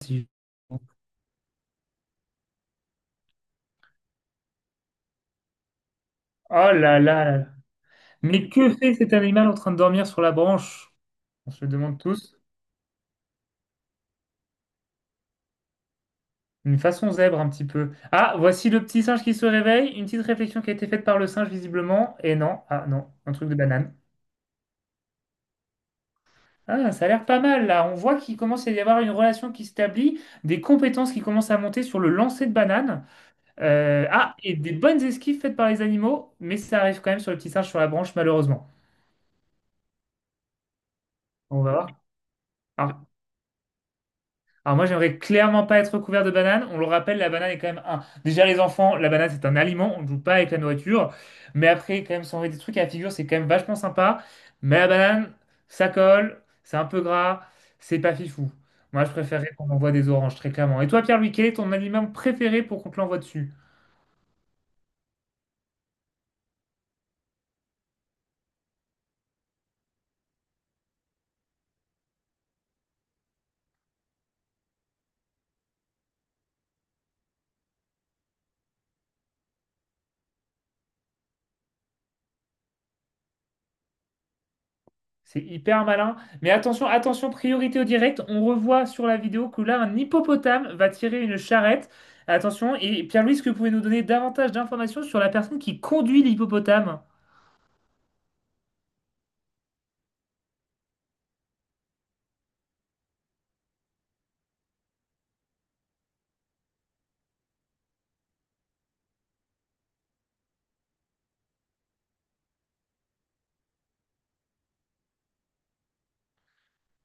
Si- Oh là là là là. Mais que fait cet animal en train de dormir sur la branche? On se le demande tous. Une façon zèbre un petit peu. Ah, voici le petit singe qui se réveille. Une petite réflexion qui a été faite par le singe visiblement. Et non, ah non, un truc de banane. Ah, ça a l'air pas mal là. On voit qu'il commence à y avoir une relation qui s'établit, des compétences qui commencent à monter sur le lancer de banane. Ah, et des bonnes esquives faites par les animaux, mais ça arrive quand même sur le petit singe sur la branche malheureusement. On va voir. Alors, Alors moi, j'aimerais clairement pas être couvert de banane. On le rappelle, la banane est quand même un. Déjà, les enfants, la banane, c'est un aliment. On ne joue pas avec la nourriture. Mais après, quand même, s'enlever des trucs à la figure, c'est quand même vachement sympa. Mais la banane, ça colle, c'est un peu gras, c'est pas fifou. Moi, je préférerais qu'on m'envoie des oranges, très clairement. Et toi, Pierre-Louis, quel est ton aliment préféré pour qu'on te l'envoie dessus? C'est hyper malin. Mais attention, attention, priorité au direct. On revoit sur la vidéo que là, un hippopotame va tirer une charrette. Attention. Et Pierre-Louis, est-ce que vous pouvez nous donner davantage d'informations sur la personne qui conduit l'hippopotame?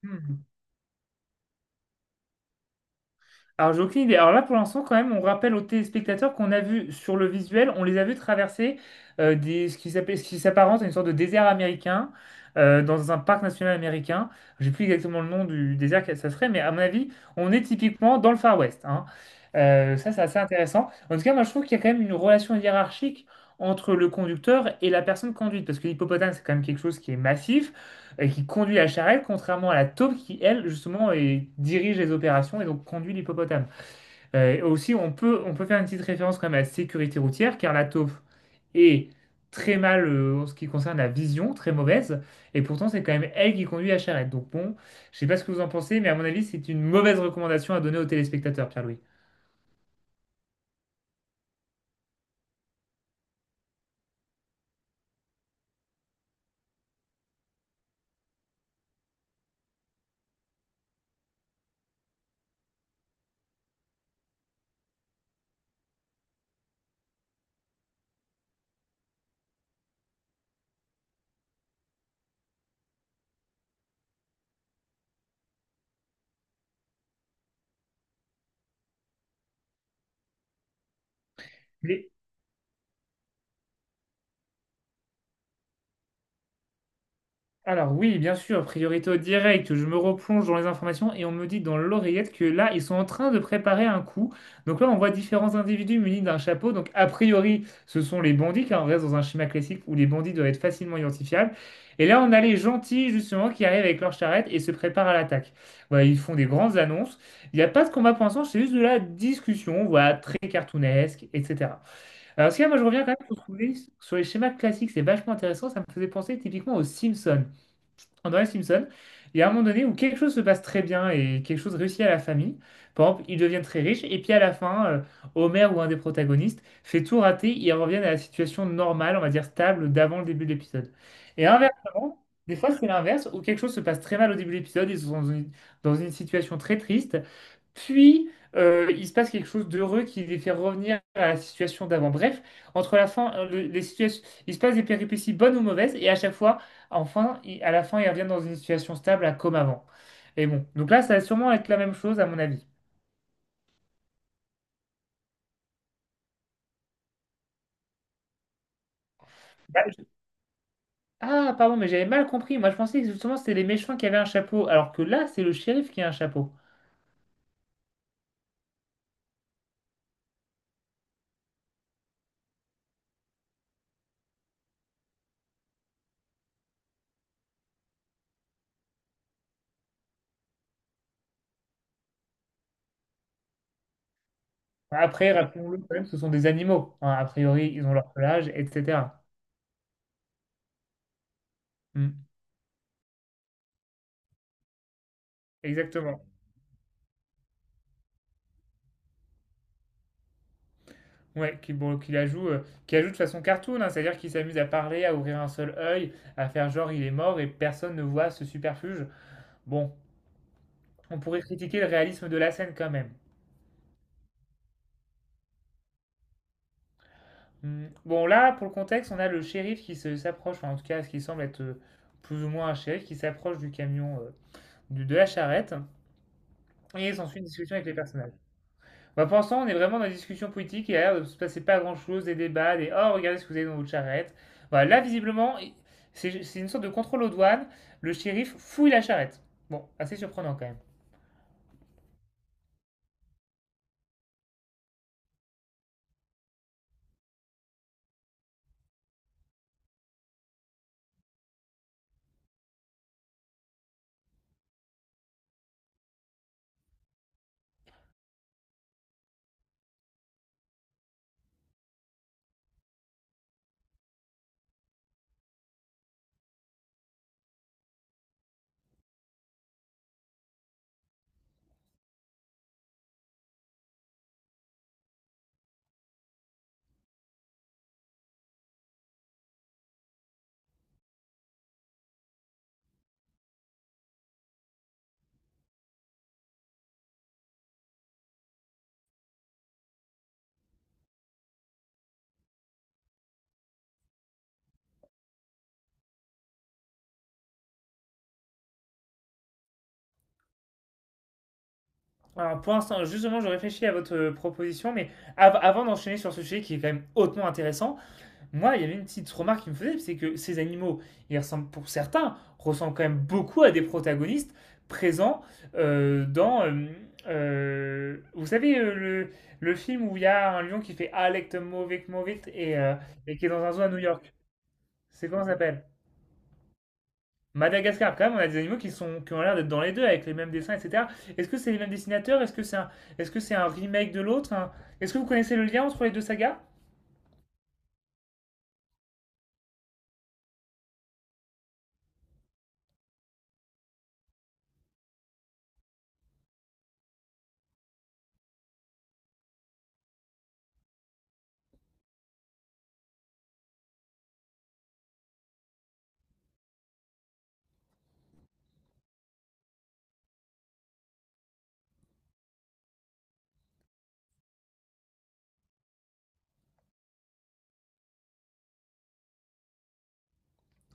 Hmm. Alors, j'ai aucune idée. Alors là, pour l'instant, quand même, on rappelle aux téléspectateurs qu'on a vu sur le visuel, on les a vus traverser des, ce qui s'appelle, ce qui s'apparente à une sorte de désert américain dans un parc national américain. J'ai plus exactement le nom du désert que ça serait, mais à mon avis, on est typiquement dans le Far West, hein. Ça, c'est assez intéressant. En tout cas, moi, je trouve qu'il y a quand même une relation hiérarchique entre le conducteur et la personne conduite, parce que l'hippopotame, c'est quand même quelque chose qui est massif et qui conduit la charrette, contrairement à la taupe qui, elle, justement, dirige les opérations et donc conduit l'hippopotame. Aussi, on peut faire une petite référence quand même à la sécurité routière, car la taupe est très mal en ce qui concerne la vision, très mauvaise, et pourtant c'est quand même elle qui conduit la charrette. Donc bon, je sais pas ce que vous en pensez, mais à mon avis, c'est une mauvaise recommandation à donner aux téléspectateurs, Pierre-Louis. Alors oui, bien sûr, priorité au direct, je me replonge dans les informations et on me dit dans l'oreillette que là, ils sont en train de préparer un coup. Donc là, on voit différents individus munis d'un chapeau. Donc a priori, ce sont les bandits, car on reste dans un schéma classique où les bandits doivent être facilement identifiables. Et là, on a les gentils, justement, qui arrivent avec leur charrette et se préparent à l'attaque. Voilà, ils font des grandes annonces. Il n'y a pas de combat pour l'instant, c'est juste de la discussion, voilà, très cartoonesque, etc. Alors, ce qu'il y a, moi, je reviens quand même sur les schémas classiques, c'est vachement intéressant. Ça me faisait penser typiquement aux Simpsons. André Simpson, il y a un moment donné où quelque chose se passe très bien et quelque chose réussit à la famille. Par exemple, ils deviennent très riches et puis à la fin, Homer ou un des protagonistes fait tout rater, ils reviennent à la situation normale, on va dire stable, d'avant le début de l'épisode. Et inversement, des fois c'est l'inverse où quelque chose se passe très mal au début de l'épisode, ils sont dans une situation très triste puis, il se passe quelque chose d'heureux qui les fait revenir à la situation d'avant. Bref, entre la fin, les situations, il se passe des péripéties bonnes ou mauvaises, et à chaque fois, à la fin, ils reviennent dans une situation stable, à comme avant. Et bon, donc là, ça va sûrement être la même chose, à mon avis. Bah, je- Ah, pardon, mais j'avais mal compris. Moi, je pensais que justement, c'était les méchants qui avaient un chapeau, alors que là, c'est le shérif qui a un chapeau. Après, rappelons-le quand même, ce sont des animaux. Enfin, a priori, ils ont leur pelage, etc. Hmm, exactement. Ouais, qui, bon, qui la joue de façon cartoon, hein, c'est-à-dire qu'il s'amuse à parler, à ouvrir un seul œil, à faire genre il est mort et personne ne voit ce superfuge. Bon, on pourrait critiquer le réalisme de la scène quand même. Hmm. Bon, là, pour le contexte, on a le shérif s'approche, enfin, en tout cas, ce qui semble être plus ou moins un shérif qui s'approche du camion, de la charrette, et il s'ensuit une discussion avec les personnages. Bah, pour l'instant, on est vraiment dans une discussion politique et il a l'air de ne se passer pas grand-chose, des débats, des oh, regardez ce que vous avez dans votre charrette. Voilà, là, visiblement, c'est une sorte de contrôle aux douanes. Le shérif fouille la charrette. Bon, assez surprenant quand même. Alors, pour l'instant, justement, je réfléchis à votre proposition, mais avant d'enchaîner sur ce sujet qui est quand même hautement intéressant, moi, il y avait une petite remarque qui me faisait, c'est que ces animaux, ils ressemblent pour certains, ressemblent quand même beaucoup à des protagonistes présents dans, vous savez, le film où il y a un lion qui fait Alect Movit Movit et qui est dans un zoo à New York. C'est comment ça s'appelle? Madagascar, quand même, on a des animaux qui sont, qui ont l'air d'être dans les deux avec les mêmes dessins, etc. Est-ce que c'est les mêmes dessinateurs? Est-ce que c'est un remake de l'autre? Est-ce que vous connaissez le lien entre les deux sagas?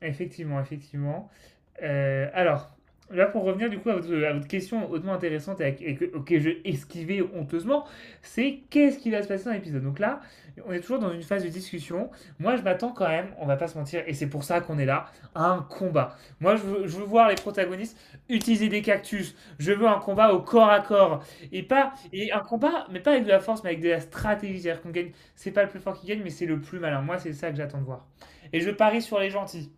Effectivement, effectivement. Euh, alors, là pour revenir du coup à votre question hautement intéressante auquel je esquivais honteusement, c'est qu'est-ce qui va se passer dans l'épisode. Donc là, on est toujours dans une phase de discussion. Moi, je m'attends quand même, on va pas se mentir, et c'est pour ça qu'on est là, à un combat. Moi, je veux voir les protagonistes utiliser des cactus. Je veux un combat au corps à corps et pas un combat, mais pas avec de la force, mais avec de la stratégie. C'est-à-dire qu'on gagne, c'est pas le plus fort qui gagne, mais c'est le plus malin. Moi, c'est ça que j'attends de voir. Et je parie sur les gentils.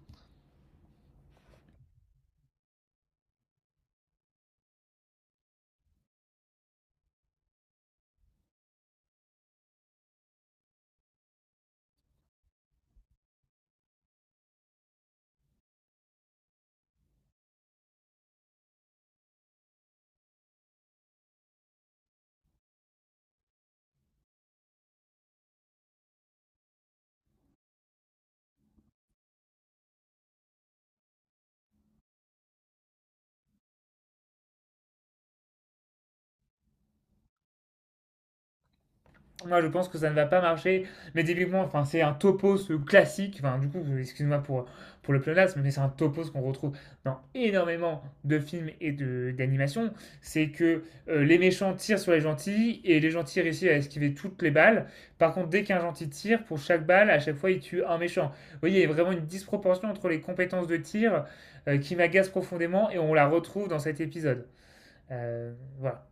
Moi, je pense que ça ne va pas marcher. Mais typiquement, enfin, c'est un topos classique. Enfin, du coup, excuse-moi pour le pléonasme, mais c'est un topos qu'on retrouve dans énormément de films d'animations. C'est que les méchants tirent sur les gentils et les gentils réussissent à esquiver toutes les balles. Par contre, dès qu'un gentil tire, pour chaque balle, à chaque fois, il tue un méchant. Vous voyez, il y a vraiment une disproportion entre les compétences de tir qui m'agace profondément et on la retrouve dans cet épisode. Euh, voilà.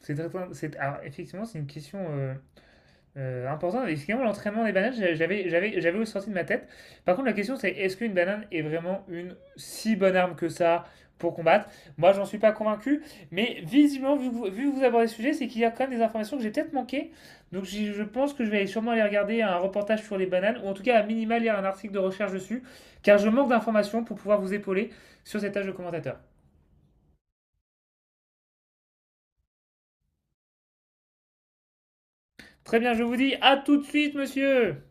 Alors, effectivement, c'est une question. Important, et finalement l'entraînement des bananes, j'avais aussi sorti de ma tête. Par contre, la question c'est est-ce qu'une banane est vraiment une si bonne arme que ça pour combattre? Moi, j'en suis pas convaincu, mais visiblement, vu que vous abordez le sujet, c'est qu'il y a quand même des informations que j'ai peut-être manquées. Donc, je pense que je vais aller sûrement aller regarder un reportage sur les bananes, ou en tout cas, à minima, lire un article de recherche dessus, car je manque d'informations pour pouvoir vous épauler sur cette tâche de commentateur. Très bien, je vous dis à tout de suite, monsieur!